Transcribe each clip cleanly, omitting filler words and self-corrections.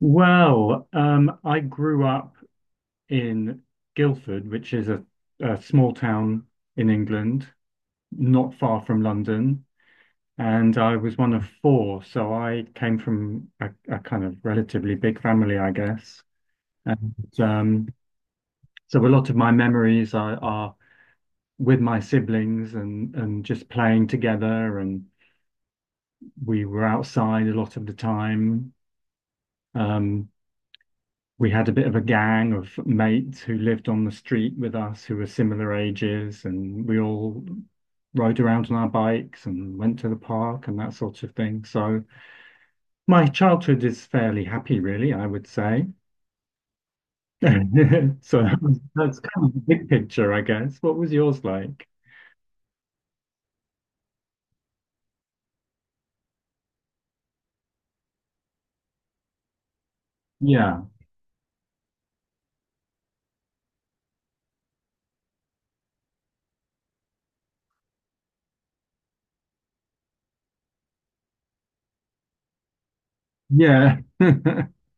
I grew up in Guildford, which is a small town in England, not far from London. And I was one of four, so I came from a kind of relatively big family, I guess. And um, so a lot of my memories are with my siblings and just playing together. And we were outside a lot of the time. Um, we had a bit of a gang of mates who lived on the street with us who were similar ages, and we all rode around on our bikes and went to the park and that sort of thing. So my childhood is fairly happy, really, I would say. So that's kind of the big picture, I guess. What was yours like? Yeah. Yeah.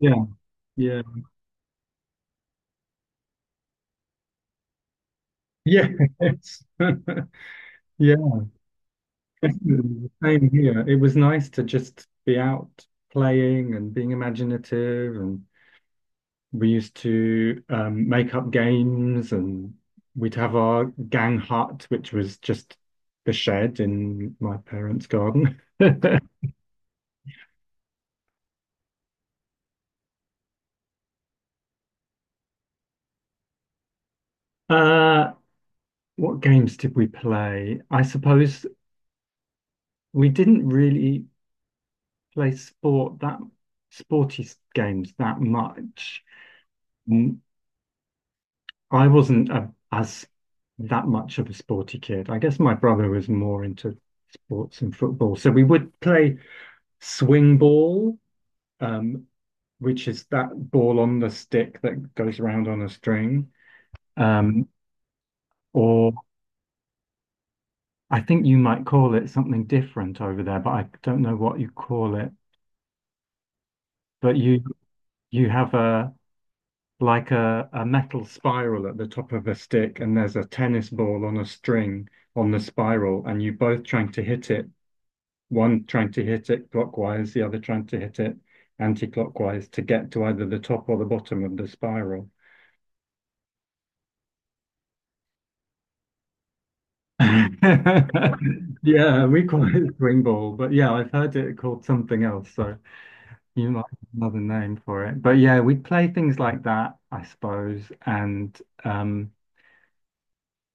Yeah. Yeah. Yes. Yes. Same here. It was nice to just be out playing and being imaginative and we used to make up games and we'd have our gang hut, which was just the shed in my parents' garden. Uh, what games did we play? I suppose we didn't really play sport games that much. Mm, I wasn't a, as that much of a sporty kid. I guess my brother was more into sports and football. So we would play swing ball, um, which is that ball on the stick that goes around on a string. Um, or I think you might call it something different over there, but I don't know what you call it. But you have a like a metal spiral at the top of a stick, and there's a tennis ball on a string on the spiral, and you both trying to hit it, one trying to hit it clockwise, the other trying to hit it anti-clockwise to get to either the top or the bottom of the spiral. Yeah, we call it swing ball, but yeah, I've heard it called something else, so you might have another name for it. But yeah, we play things like that, I suppose, and um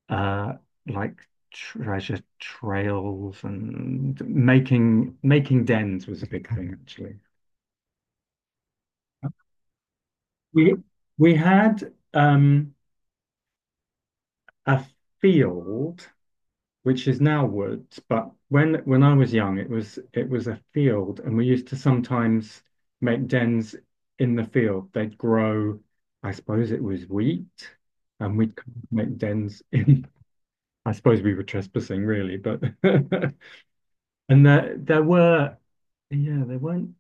uh like treasure trails and making dens was a big thing actually. We we had a field, which is now woods, but when I was young, it was a field, and we used to sometimes make dens in the field. They'd grow, I suppose it was wheat, and we'd make dens in. I suppose we were trespassing, really, but and there there were, yeah, there weren't.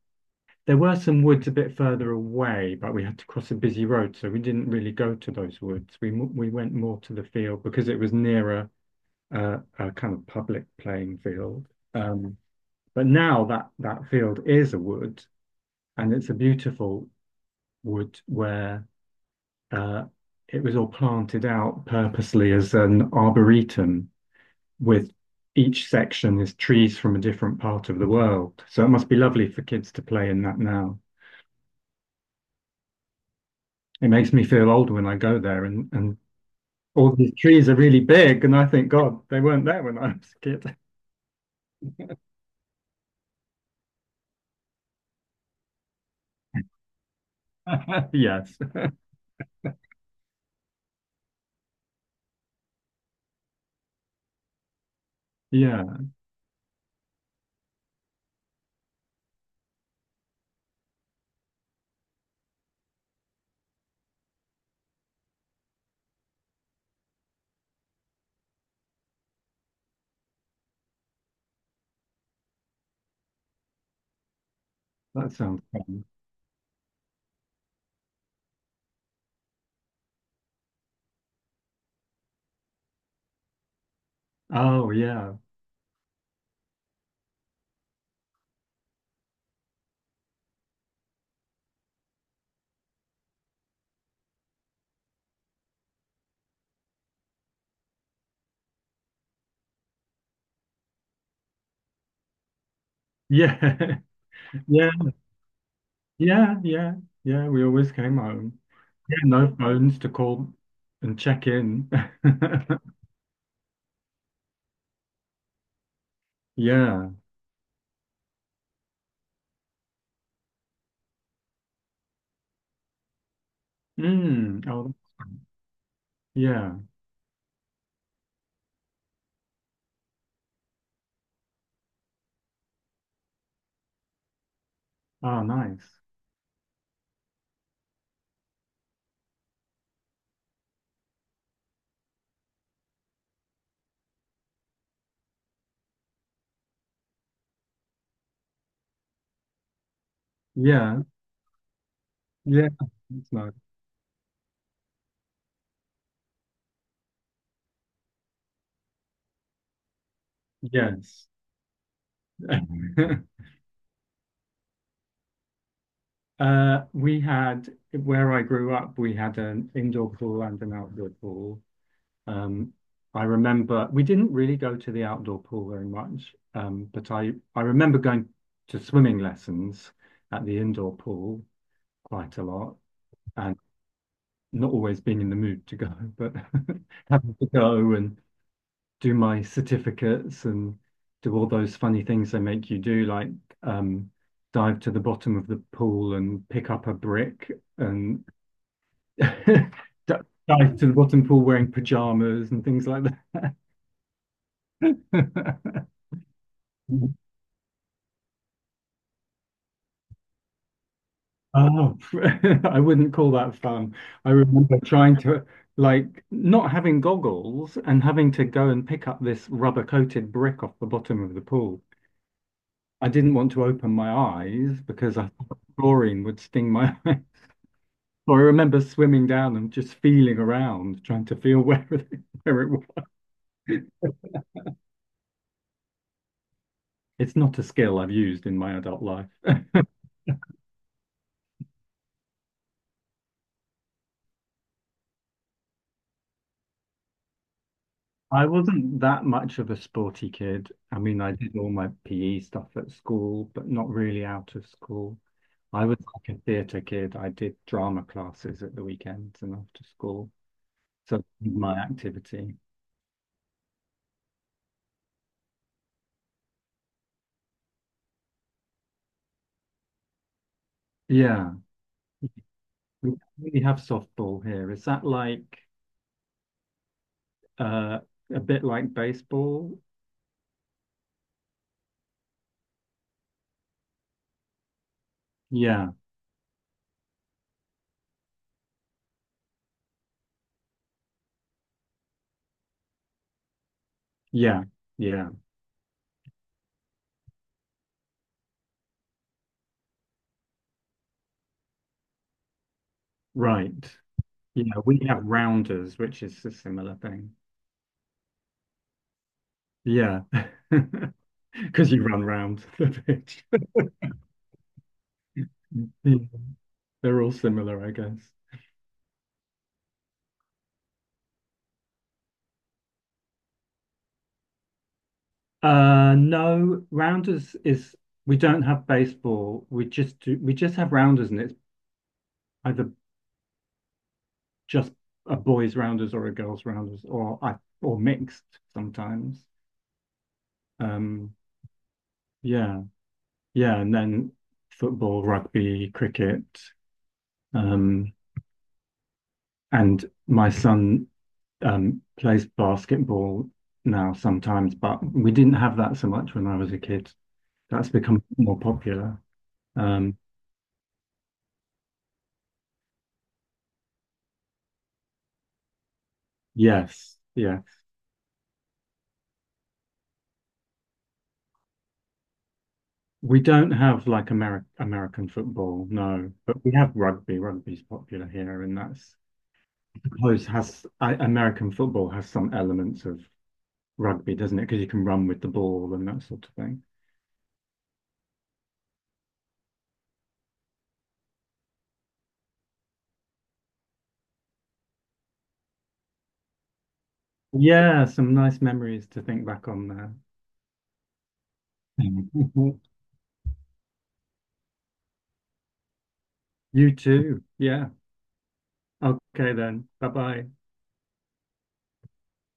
There were some woods a bit further away, but we had to cross a busy road, so we didn't really go to those woods. We went more to the field because it was nearer a kind of public playing field. Um, but now that that field is a wood, and it's a beautiful wood where uh, it was all planted out purposely as an arboretum with each section is trees from a different part of the world. So it must be lovely for kids to play in that now. It makes me feel old when I go there and all these trees are really big and I think, God, they weren't there when I was a kid. Yes. Yeah, that sounds fun. Oh yeah. Yeah. Yeah. Yeah. Yeah. Yeah. We always came home. Yeah, no phones to call and check in. Yeah. Mm. Oh yeah. Oh nice. Yeah. Yeah. That's nice. Yes. We had where I grew up, we had an indoor pool and an outdoor pool. Um, I remember we didn't really go to the outdoor pool very much, but I remember going to swimming lessons at the indoor pool quite a lot and not always being in the mood to go, but having to go and do my certificates and do all those funny things they make you do, like um, dive to the bottom of the pool and pick up a brick and dive to the bottom pool wearing pajamas and things like that. Oh, I wouldn't call that fun. I remember trying to, like, not having goggles and having to go and pick up this rubber coated brick off the bottom of the pool. I didn't want to open my eyes because I thought chlorine would sting my eye. So I remember swimming down and just feeling around, trying to feel where it, where it was. It's not a skill I've used in my adult life. I wasn't that much of a sporty kid. I mean, I did all my PE stuff at school, but not really out of school. I was like a theatre kid. I did drama classes at the weekends and after school. So that was my activity. Yeah. We don't really have softball here. Is that like uh a bit like baseball? Yeah, yeah, yeah. Right. Yeah, we have rounders, which is a similar thing. Yeah. Because you run round the pitch. Yeah, they're all similar, I guess. No, rounders is we don't have baseball. We just have rounders and it's either just a boys rounders or a girls rounders or I or mixed sometimes. Um yeah. Yeah, and then football, rugby, cricket. Um and my son plays basketball now sometimes, but we didn't have that so much when I was a kid. That's become more popular. Um, yes, yeah. We don't have like American football, no, but we have rugby. Rugby's popular here, and that's I suppose has I, American football has some elements of rugby, doesn't it? Because you can run with the ball and that sort of thing. Yeah, some nice memories to think back on there. You too. Yeah. Okay then. Bye bye.